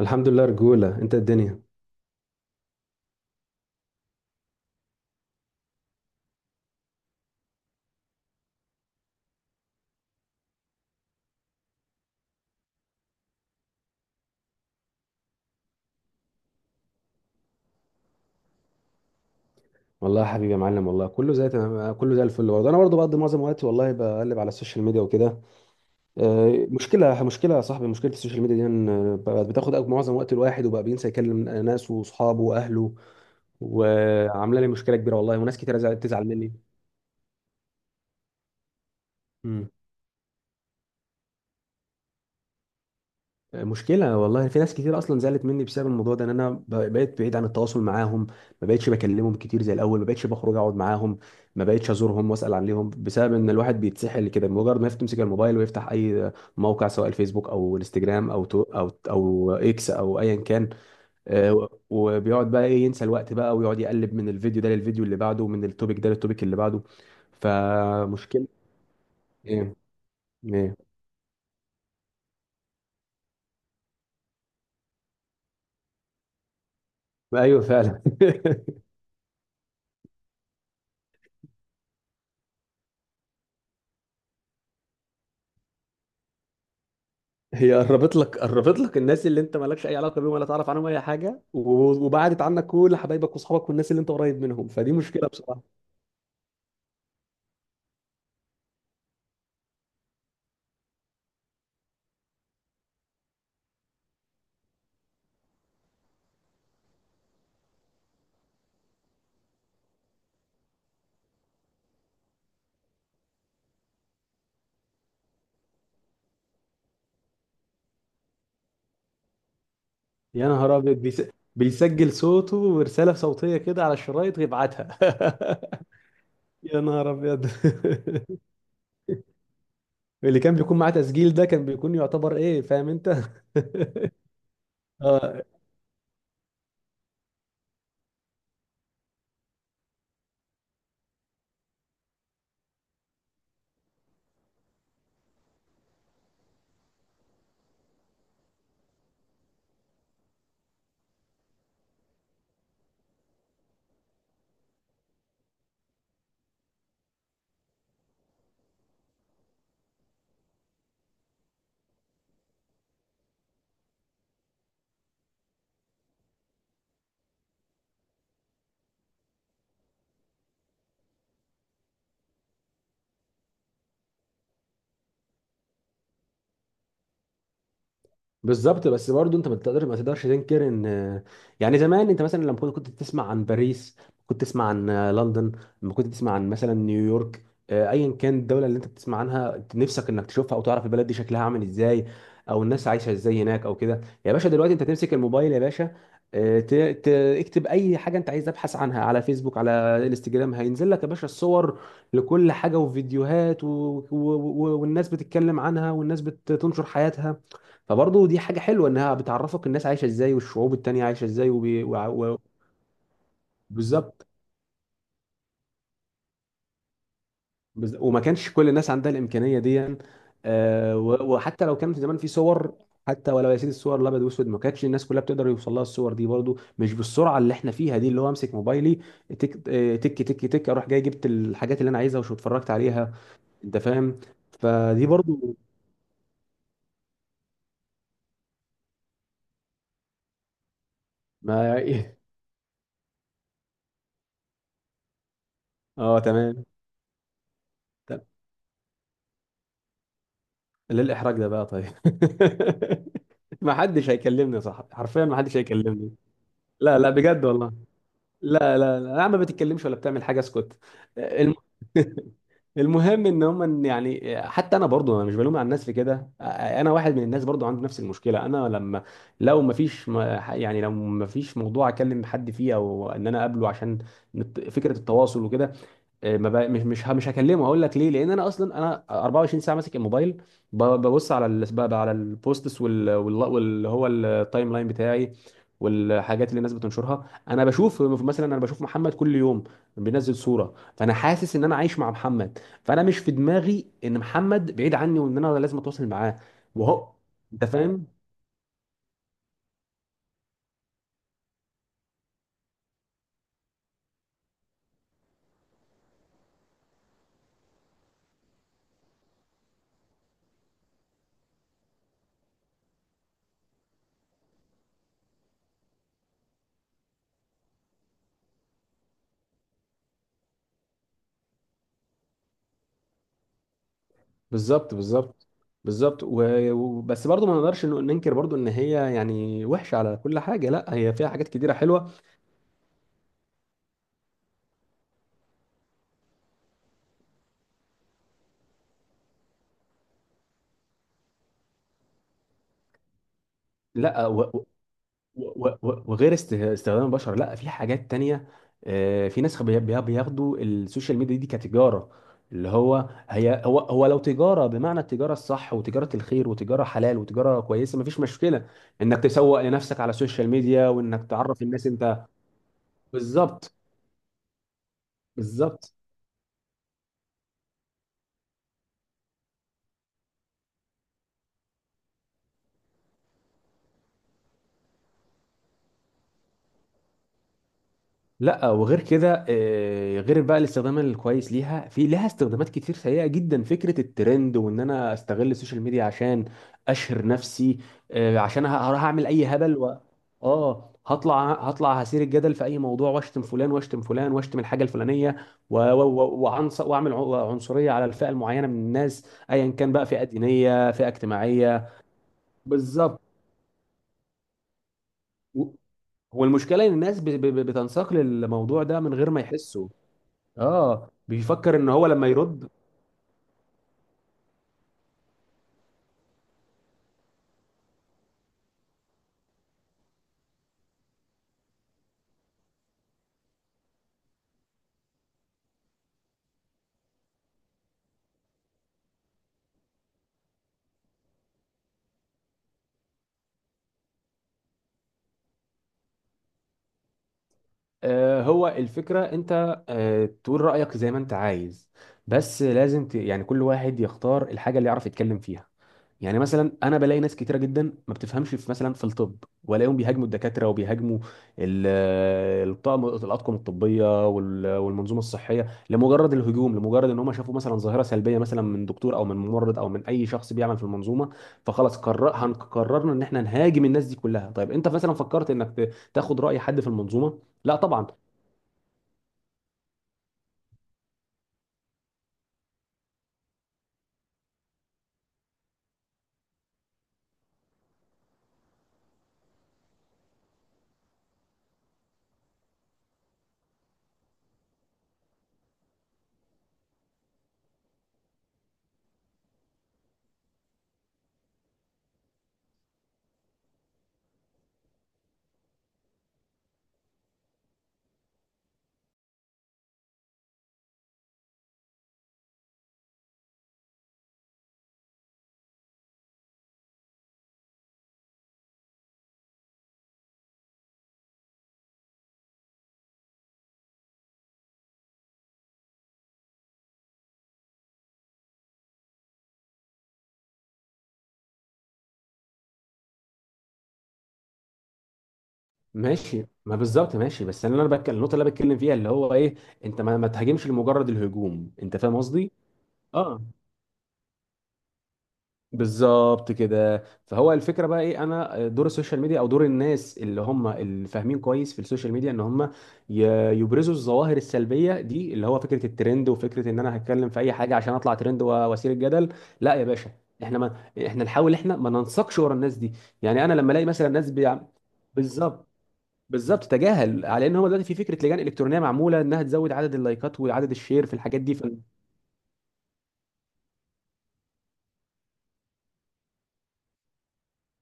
الحمد لله رجولة انت الدنيا. والله يا حبيبي يا معلم، والله كله زي تمام، كله زي الفل. برضه انا برضه بقضي معظم وقتي والله بقلب على السوشيال ميديا وكده. مشكلة يا صاحبي، مشكلة السوشيال ميديا دي ان بقت بتاخد معظم وقت الواحد، وبقى بينسى يكلم ناسه واصحابه واهله. وعاملة لي مشكلة كبيرة والله، وناس كتير تزعل مني. مم. مشكلة والله. في ناس كتير أصلا زعلت مني بسبب الموضوع ده، إن أنا بقيت بعيد عن التواصل معاهم. ما بقتش بكلمهم كتير زي الأول، ما بقتش بخرج أقعد معاهم، ما بقتش أزورهم وأسأل عليهم، بسبب إن الواحد بيتسحل كده بمجرد ما تمسك الموبايل ويفتح أي موقع، سواء الفيسبوك أو الانستجرام أو تو أو إكس أو أيا كان. وبيقعد بقى إيه، ينسى الوقت بقى ويقعد يقلب من الفيديو ده للفيديو اللي بعده، ومن التوبيك ده للتوبيك اللي بعده. فمشكلة. إيه. إيه. أيوه فعلا. هي قربت لك الناس اللي انت مالكش اي علاقه بيهم ولا تعرف عنهم اي حاجه، وبعدت عنك كل حبايبك واصحابك والناس اللي انت قريب منهم، فدي مشكله بصراحه. يا نهار ابيض. بيسجل صوته ورساله صوتيه كده على الشرايط ويبعتها. يا نهار ابيض. اللي كان بيكون معاه تسجيل ده كان بيكون يعتبر ايه، فاهم انت. اه. بالظبط. بس برضه انت ما تقدرش تنكر ان، يعني زمان انت مثلا لما كنت تسمع عن باريس، كنت تسمع عن لندن، لما كنت تسمع عن مثلا نيويورك، ايا كان الدوله اللي انت بتسمع عنها، نفسك انك تشوفها او تعرف البلد دي شكلها عامل ازاي، او الناس عايشه ازاي هناك او كده. يا باشا دلوقتي انت تمسك الموبايل يا باشا، آه، ت- ت- اكتب اي حاجه انت عايز تبحث عنها على فيسبوك، على انستجرام، هينزل لك يا باشا الصور لكل حاجه وفيديوهات والناس بتتكلم عنها والناس بتنشر حياتها. فبرضه دي حاجة حلوة، انها بتعرفك الناس عايشة ازاي والشعوب التانية عايشة ازاي بالظبط. وما كانش كل الناس عندها الإمكانية دي. وحتى لو كان في زمان في صور، حتى ولو يا سيدي الصور الابيض واسود، ما كانتش الناس كلها بتقدر يوصل لها الصور دي، برضو مش بالسرعه اللي احنا فيها دي، اللي هو امسك موبايلي تك تك تك تك، اروح جاي جبت الحاجات اللي انا عايزها وشو اتفرجت عليها. انت فاهم؟ فدي برضو. ما اه تمام. ليه الإحراج ده بقى طيب؟ ما حدش هيكلمني، صح؟ حرفيا ما حدش هيكلمني. لا لا بجد والله. لا لا لا يا عم ما بتتكلمش ولا بتعمل حاجة اسكت. الم... المهم ان هم، يعني حتى انا برضو انا مش بلوم على الناس في كده، انا واحد من الناس برضو عنده نفس المشكله. انا لما، لو ما فيش يعني لو ما فيش موضوع اكلم حد فيه، او ان انا اقابله عشان فكره التواصل وكده، إيه، ما بقى مش هكلمه. هقول لك ليه، لان انا اصلا انا 24 ساعه ماسك الموبايل، ببص على بقى على البوستس واللي هو التايم لاين بتاعي والحاجات اللي الناس بتنشرها. انا بشوف مثلا، انا بشوف محمد كل يوم بينزل صوره، فانا حاسس ان انا عايش مع محمد، فانا مش في دماغي ان محمد بعيد عني وان انا لازم اتواصل معاه. وهو انت فاهم. بالظبط. بالظبط بالظبط. وبس برضه ما نقدرش ننكر برضه ان هي، يعني وحشه على كل حاجه لا، هي فيها حاجات كتيره حلوه. لا، وغير استخدام البشر، لا في حاجات تانية. في ناس بياخدوا السوشيال ميديا دي كتجارة. اللي هو هي هو لو تجارة بمعنى التجارة الصح، وتجارة الخير وتجارة حلال وتجارة كويسة، مفيش مشكلة انك تسوق لنفسك على السوشيال ميديا، وانك تعرف الناس انت. بالظبط. بالظبط. لا وغير كده، غير بقى الاستخدام الكويس ليها، في لها استخدامات كتير سيئة جدا. فكرة الترند، وان انا استغل السوشيال ميديا عشان اشهر نفسي، عشان هروح اعمل اي هبل و... اه هطلع، هطلع هثير الجدل في اي موضوع، واشتم فلان واشتم فلان واشتم الحاجة الفلانية واعمل عنصرية على الفئة المعينة من الناس، ايا كان بقى، فئة دينية فئة اجتماعية. بالظبط. و- والمشكلة ان الناس بتنساق للموضوع ده من غير ما يحسوا. اه بيفكر ان هو لما يرد. هو الفكرة انت، تقول رأيك زي ما انت عايز، بس لازم يعني كل واحد يختار الحاجة اللي يعرف يتكلم فيها. يعني مثلا انا بلاقي ناس كتيرة جدا ما بتفهمش في مثلا في الطب، والاقيهم بيهاجموا الدكاترة وبيهاجموا الطاقم، الاطقم الطبية والمنظومة الصحية، لمجرد الهجوم، لمجرد ان هم شافوا مثلا ظاهرة سلبية مثلا من دكتور او من ممرض او من اي شخص بيعمل في المنظومة، فخلاص قرر هنقررنا ان احنا نهاجم الناس دي كلها. طيب انت مثلا فكرت انك تاخد رأي حد في المنظومة؟ لا طبعا. ماشي. ما بالظبط. ماشي. بس انا، انا بتكلم النقطه اللي انا بتكلم فيها اللي هو ايه، انت ما تهاجمش لمجرد الهجوم. انت فاهم قصدي؟ اه. بالظبط كده. فهو الفكره بقى ايه، انا دور السوشيال ميديا او دور الناس اللي هم اللي فاهمين كويس في السوشيال ميديا، ان هم يبرزوا الظواهر السلبيه دي، اللي هو فكره الترند وفكره ان انا هتكلم في اي حاجه عشان اطلع ترند واثير الجدل. لا يا باشا. احنا ما احنا نحاول، احنا ما ننساقش ورا الناس دي. يعني انا لما الاقي مثلا ناس بالظبط. بالظبط. تجاهل. على ان هو دلوقتي في فكره لجان الكترونيه معموله انها تزود عدد اللايكات وعدد الشير في الحاجات دي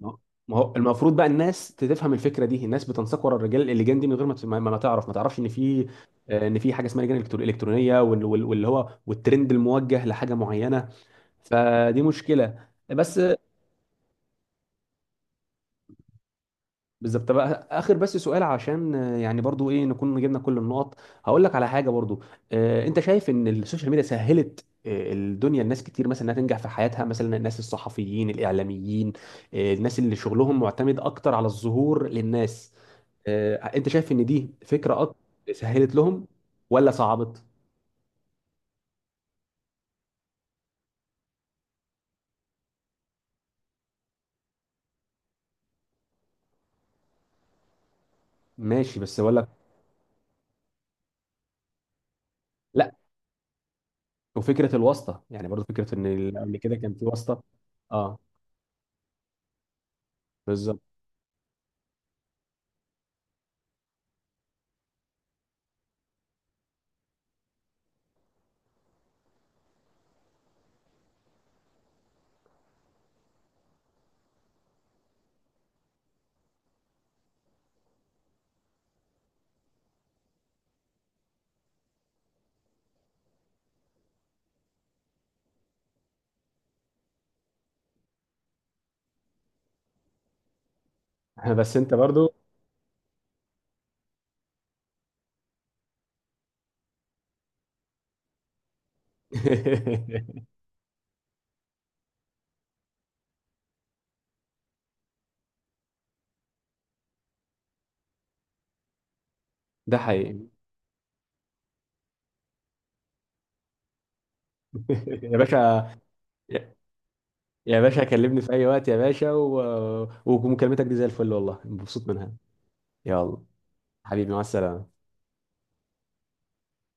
ما هو ما هو المفروض بقى الناس تفهم الفكره دي، الناس بتنساق ورا الرجال، اللجان دي، من غير ما ما تعرف، ما تعرفش ان في، ان في حاجه اسمها لجان الكترونيه واللي هو والترند الموجه لحاجه معينه. فدي مشكله بس. بالظبط. بقى اخر بس سؤال، عشان يعني برضو ايه نكون جبنا كل النقط، هقول لك على حاجه برضو. انت شايف ان السوشيال ميديا سهلت الدنيا، الناس كتير مثلا انها تنجح في حياتها، مثلا الناس الصحفيين الاعلاميين، الناس اللي شغلهم معتمد اكتر على الظهور للناس، انت شايف ان دي فكره اكتر سهلت لهم ولا صعبت؟ ماشي بس بقول لك. لا وفكره الواسطه، يعني برضو فكره ان قبل كده كان في واسطه. اه بالظبط. بس انت برضو ده حقيقي. يا باشا، يا، يا باشا كلمني في اي وقت يا باشا، و... ومكالمتك دي زي الفل والله، مبسوط منها. يلا حبيبي، مع السلامة.